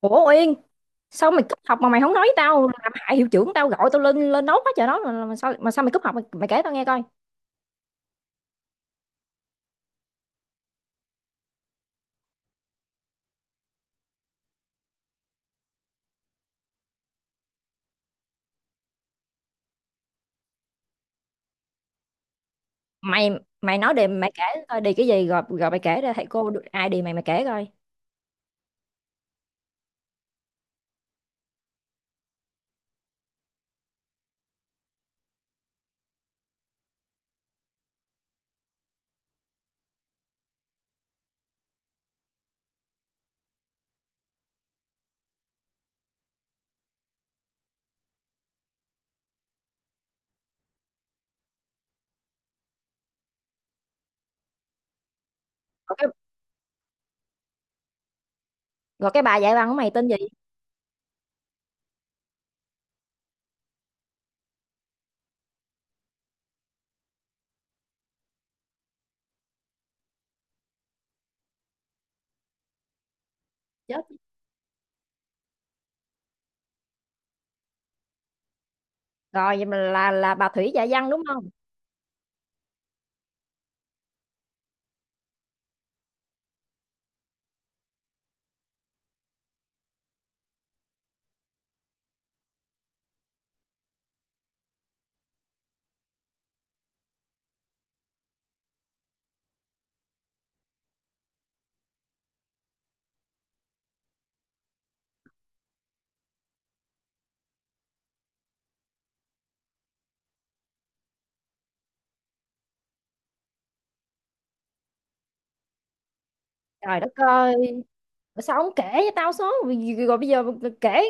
Ủa Uyên, sao mày cúp học mà mày không nói với tao? Làm hại hiệu trưởng tao gọi tao lên lên nốt hết trời đó, mà sao mày cúp học mày, mày kể tao nghe coi. Mày mày nói đi, mày kể coi đề cái gì, rồi rồi mày kể ra thầy cô ai đi, mày mày kể coi. Rồi cái rồi bà dạy văn của mày tên gì? Chết rồi, vậy mà là bà Thủy dạy văn đúng không? Trời đất ơi, sao ông kể cho tao số rồi? Rồi bây giờ kể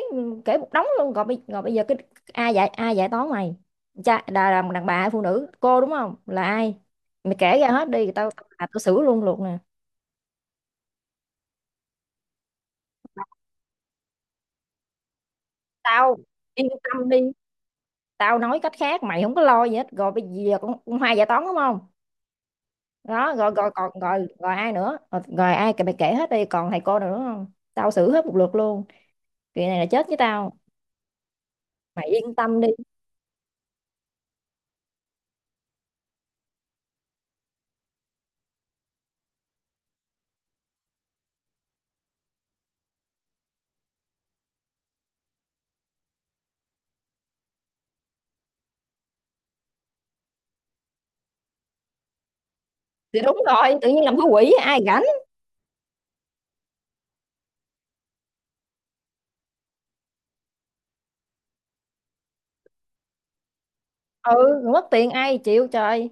kể một đống luôn rồi. Bây giờ cái, ai dạy toán mày? Cha là một đàn bà hay phụ nữ, cô đúng không, là ai? Mày kể ra hết đi, tao tao, tao xử luôn luôn nè. Tao yên tâm đi, tao nói cách khác mày không có lo gì hết. Rồi bây giờ con hai dạy toán đúng không? Đó, rồi, rồi còn rồi rồi ai nữa? Rồi ai, mày kể hết đi, còn thầy cô nào nữa không? Tao xử hết một lượt luôn. Chuyện này là chết với tao. Mày yên tâm đi. Thì đúng rồi, tự nhiên làm cái quỷ ai rảnh. Ừ, người mất tiền ai chịu trời.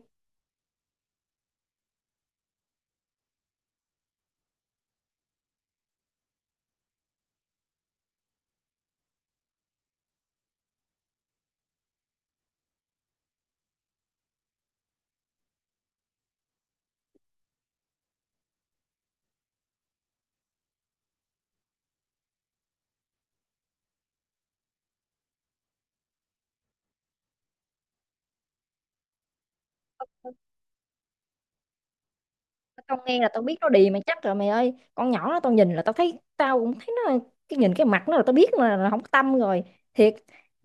Tao nghe là tao biết nó đì mà, chắc rồi mày ơi. Con nhỏ nó, tao nhìn là tao thấy, tao cũng thấy nó, cái nhìn cái mặt nó là tao biết là không có tâm rồi. Thiệt.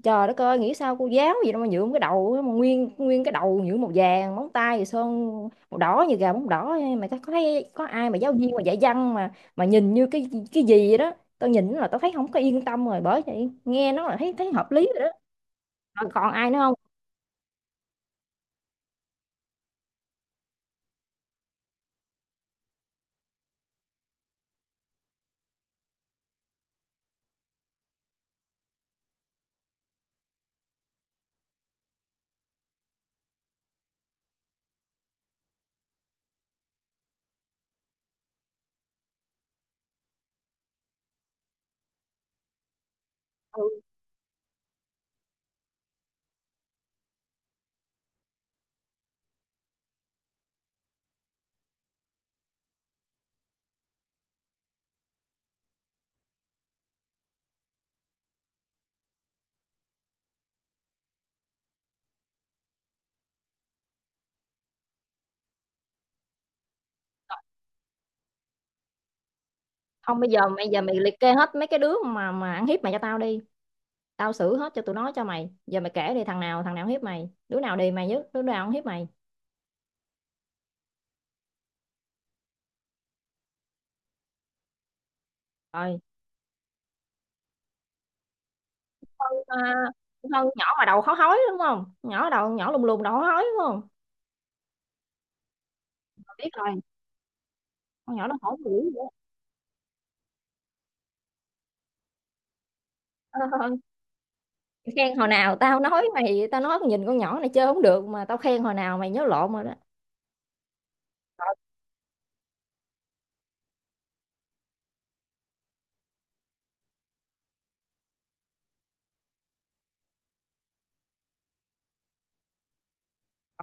Trời đất ơi, nghĩ sao cô giáo gì đâu mà nhuộm cái đầu á, mà nguyên nguyên cái đầu nhuộm màu vàng, móng tay thì sơn màu đỏ như gà móng đỏ. Mày có thấy có ai mà giáo viên mà dạy văn mà nhìn như cái gì vậy đó? Tao nhìn là tao thấy không có yên tâm rồi, bởi vậy nghe nó là thấy thấy hợp lý rồi đó. Rồi còn ai nữa không? Ừ, không, bây giờ mày liệt kê hết mấy cái đứa mà ăn hiếp mày cho tao đi. Tao xử hết cho tụi nó cho mày. Giờ mày kể đi, thằng nào hiếp mày, đứa nào đì mày nhất, đứa nào không hiếp mày. Rồi. À, con nhỏ mà đầu khó hói đúng không? Nhỏ đầu, nhỏ lùn lùn đầu khó hói đúng không? Rồi biết rồi. Con nhỏ nó khổ dữ vậy. Ờ, khen hồi nào? Tao nói mày, tao nói nhìn con nhỏ này chơi không được, mà tao khen hồi nào, mày nhớ lộn rồi đó.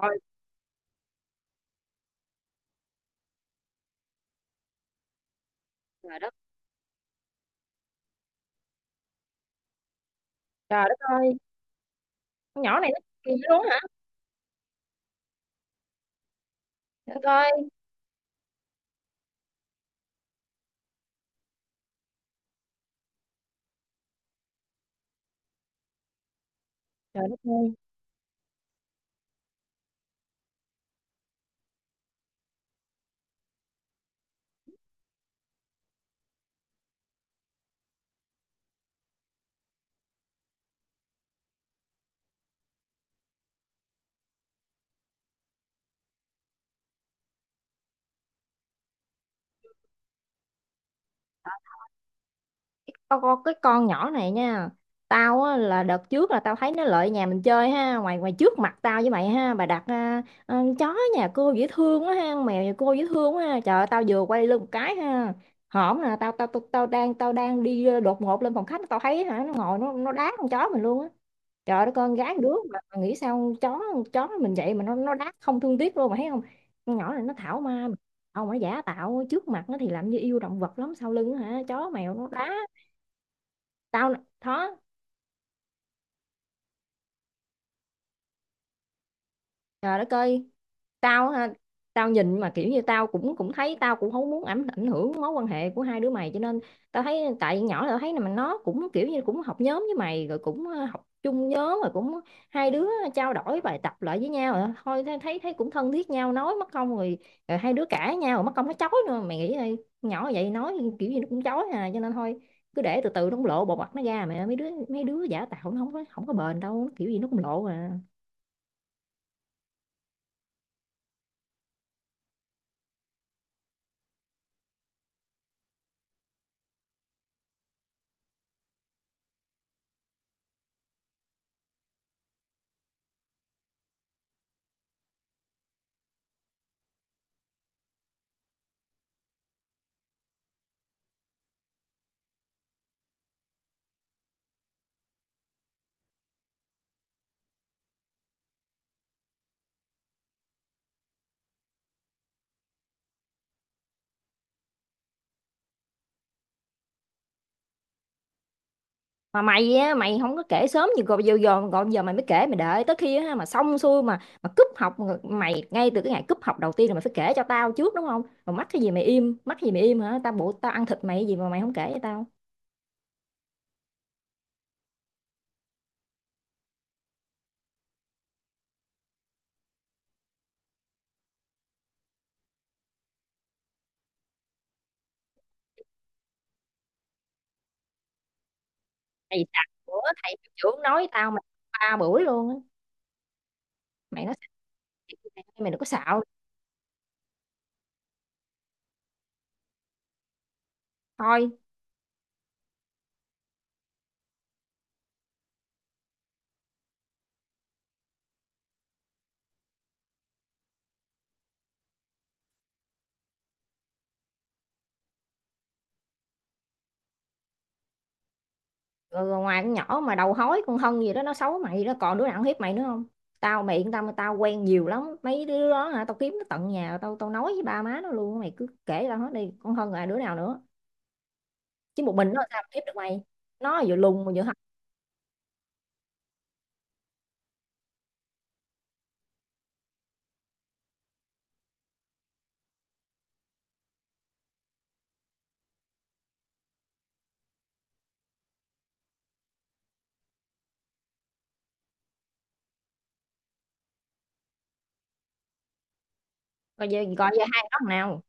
Trời ơi, trời đất, trời đất ơi. Con nhỏ này nó kỳ dữ luôn hả? Để coi. Trời đất ơi. Tao có cái con nhỏ này nha. Tao á, là đợt trước là tao thấy nó lại nhà mình chơi ha. Ngoài ngoài trước mặt tao với mày ha, bà đặt à, chó nhà cô dễ thương quá ha, mèo nhà cô dễ thương quá ha. Trời ơi, tao vừa quay lưng một cái ha. Hổm nè tao, tao tao tao đang đi, đột ngột lên phòng khách. Tao thấy hả, nó ngồi nó đá con chó mình luôn á. Trời ơi, con gái đứa mà nghĩ sao, chó chó mình vậy mà nó đá không thương tiếc luôn, mà thấy không? Con nhỏ này nó thảo ma, ông ấy giả tạo, trước mặt nó thì làm như yêu động vật lắm, sau lưng hả, chó mèo nó đá. Tao nó. Trời đất ơi. Tao ha, tao nhìn mà kiểu như tao cũng cũng thấy, tao cũng không muốn ảnh ảnh hưởng mối quan hệ của hai đứa mày, cho nên tao thấy tại nhỏ là tao thấy là mà nó cũng kiểu như cũng học nhóm với mày, rồi cũng học chung nhóm, rồi cũng hai đứa trao đổi bài tập lại với nhau, rồi thôi, thấy thấy thấy cũng thân thiết nhau, nói mất công, rồi rồi hai đứa cãi nhau rồi mất công nó chói nữa, mày nghĩ coi, nhỏ vậy nói kiểu gì nó cũng chói à, cho nên thôi cứ để từ từ nó cũng lộ bộ mặt nó ra mẹ. Mấy đứa giả tạo nó không có bền đâu, nó kiểu gì nó cũng lộ à. Mà mày á, mày không có kể sớm gì, còn giờ giờ còn giờ mày mới kể, mày đợi tới khi á, mà xong xuôi mà cúp học mày. Ngay từ cái ngày cúp học đầu tiên là mày phải kể cho tao trước đúng không? Mà mắc cái gì mày im, mắc cái gì mày im hả, tao bộ tao ăn thịt mày, cái gì mà mày không kể cho tao? Thầy đặt bữa, thầy hiệu trưởng nói tao mày ba buổi luôn á. Mày nói, mày đừng có xạo. Thôi. Rồi ngoài con nhỏ mà đầu hói con Hân gì đó nó xấu mày đó, còn đứa nào nó hiếp mày nữa không? Tao, mày yên tâm, tao quen nhiều lắm mấy đứa đó hả, tao kiếm nó tận nhà, tao tao nói với ba má nó luôn. Mày cứ kể tao hết đi, con Hân là đứa nào nữa? Chứ một mình nó sao mà hiếp được mày, nó vừa lùn mà vừa hân. Coi giờ hai nó thằng nào?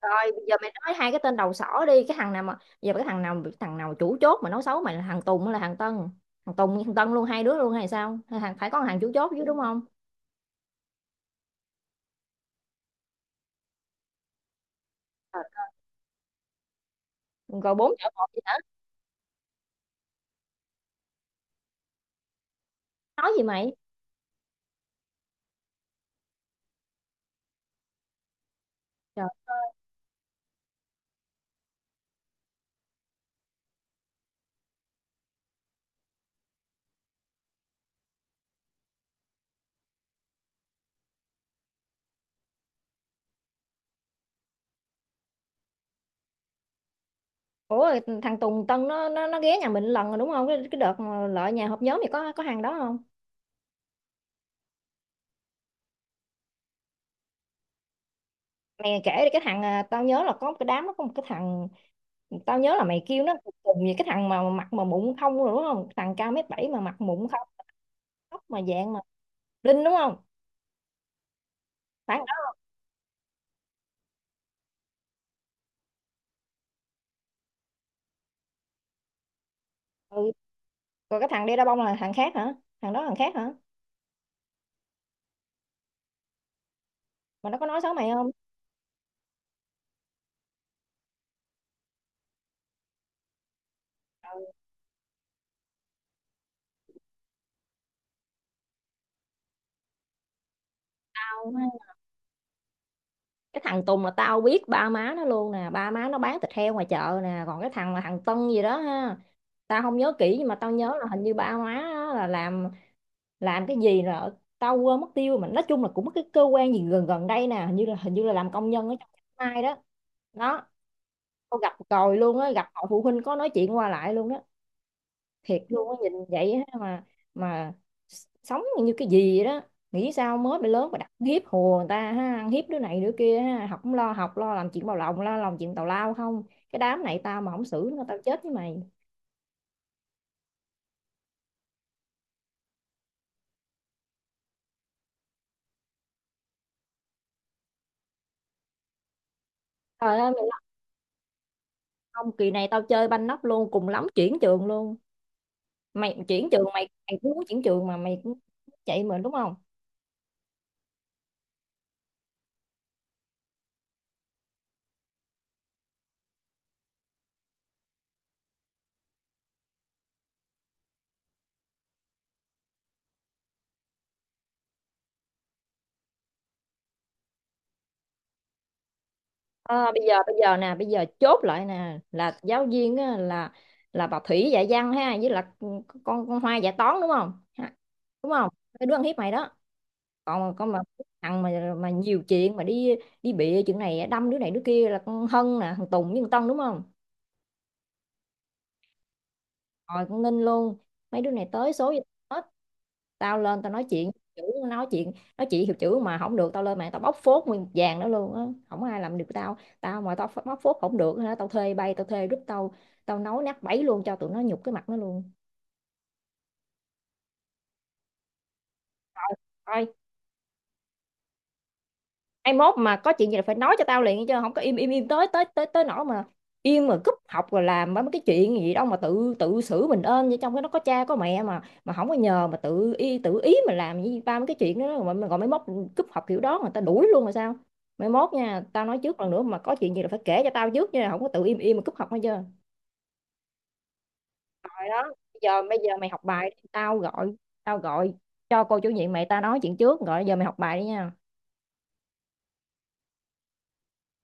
Coi bây giờ mày nói hai cái tên đầu sỏ đi, cái thằng nào mà giờ, cái thằng nào chủ chốt mà nói xấu mày, là thằng Tùng hay là thằng Tân? Thằng Tùng với thằng Tân luôn, hai đứa luôn hay sao? Hay thằng, phải có thằng chủ chốt chứ đúng không? Ờ. Rồi bốn vợ một gì nữa? Nói gì mày? Ủa, thằng Tùng Tân nó ghé nhà mình lần rồi đúng không? Cái đợt mà lợi nhà họp nhóm thì có hàng đó không? Mày kể đi cái thằng, à, tao nhớ là có một cái đám nó có một cái thằng, tao nhớ là mày kêu nó cùng cùng gì, cái thằng mà mặt mà mụn không rồi đúng không, thằng cao mét bảy mà mặt mụn không? Tóc mà dạng mà linh đúng không, phải thằng đó? Ừ. Còn cái thằng đeo đa bông là thằng khác hả? Thằng đó thằng khác hả? Mà nó có nói xấu mày không? Không. Cái thằng Tùng là tao biết ba má nó luôn nè, ba má nó bán thịt heo ngoài chợ nè. Còn cái thằng mà thằng Tân gì đó ha, tao không nhớ kỹ nhưng mà tao nhớ là hình như ba má á là làm cái gì rồi tao quên mất tiêu, mà nói chung là cũng có cái cơ quan gì gần gần đây nè, hình như là làm công nhân ở trong mai đó đó. Tao gặp rồi luôn á, gặp họ phụ huynh có nói chuyện qua lại luôn đó. Thiệt luôn á, nhìn vậy á mà, mà sống như cái gì vậy đó. Nghĩ sao mới bị lớn mà đặt hiếp hùa người ta ha, ăn hiếp đứa này đứa kia ha, học không lo học, lo làm chuyện bào lộng, lo làm chuyện tào lao không. Cái đám này tao mà không xử nó tao chết với mày. Trời ơi mày lo. Không, kỳ này tao chơi banh nóc luôn, cùng lắm chuyển trường luôn. Mày chuyển trường, mày mày cũng muốn chuyển trường mà mày cũng chạy mình đúng không? Ờ, bây giờ nè bây giờ chốt lại nè, là giáo viên á, là bà Thủy dạy văn ha, với là con Hoa dạy toán đúng không? Ha, đúng không, cái đứa ăn hiếp mày đó. Còn con mà thằng mà nhiều chuyện mà đi đi bịa chuyện này đâm đứa này đứa kia là con Hân nè, thằng Tùng với thằng Tân đúng không? Rồi con Ninh luôn. Mấy đứa này tới số với hết. Tao lên tao nói chuyện chữ, nói chuyện nói chuyện hiệu chữ mà không được, tao lên mạng tao bóc phốt nguyên một vàng đó luôn á. Không ai làm được tao, tao mà tao bóc phốt không được hả, tao thuê bay, tao thuê group, tao tao nấu nát bấy luôn cho tụi nó nhục cái mặt nó luôn. Thôi, ai mốt mà có chuyện gì là phải nói cho tao liền, chứ không có im im im tới tới tới tới nỗi mà im mà cúp học rồi làm mấy cái chuyện gì đâu mà tự tự xử mình ơn như trong cái nó, có cha có mẹ mà không có nhờ mà tự ý mà làm như ba mấy cái chuyện đó mà gọi mấy mốt cúp học kiểu đó mà tao đuổi luôn rồi sao? Mấy mốt nha, tao nói trước, lần nữa mà có chuyện gì là phải kể cho tao trước nha, không có tự im im mà cúp học. Hết chưa? Rồi đó, bây giờ mày học bài đi, tao gọi cho cô chủ nhiệm mày, tao nói chuyện trước rồi, giờ mày học bài đi nha.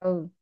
Ừ.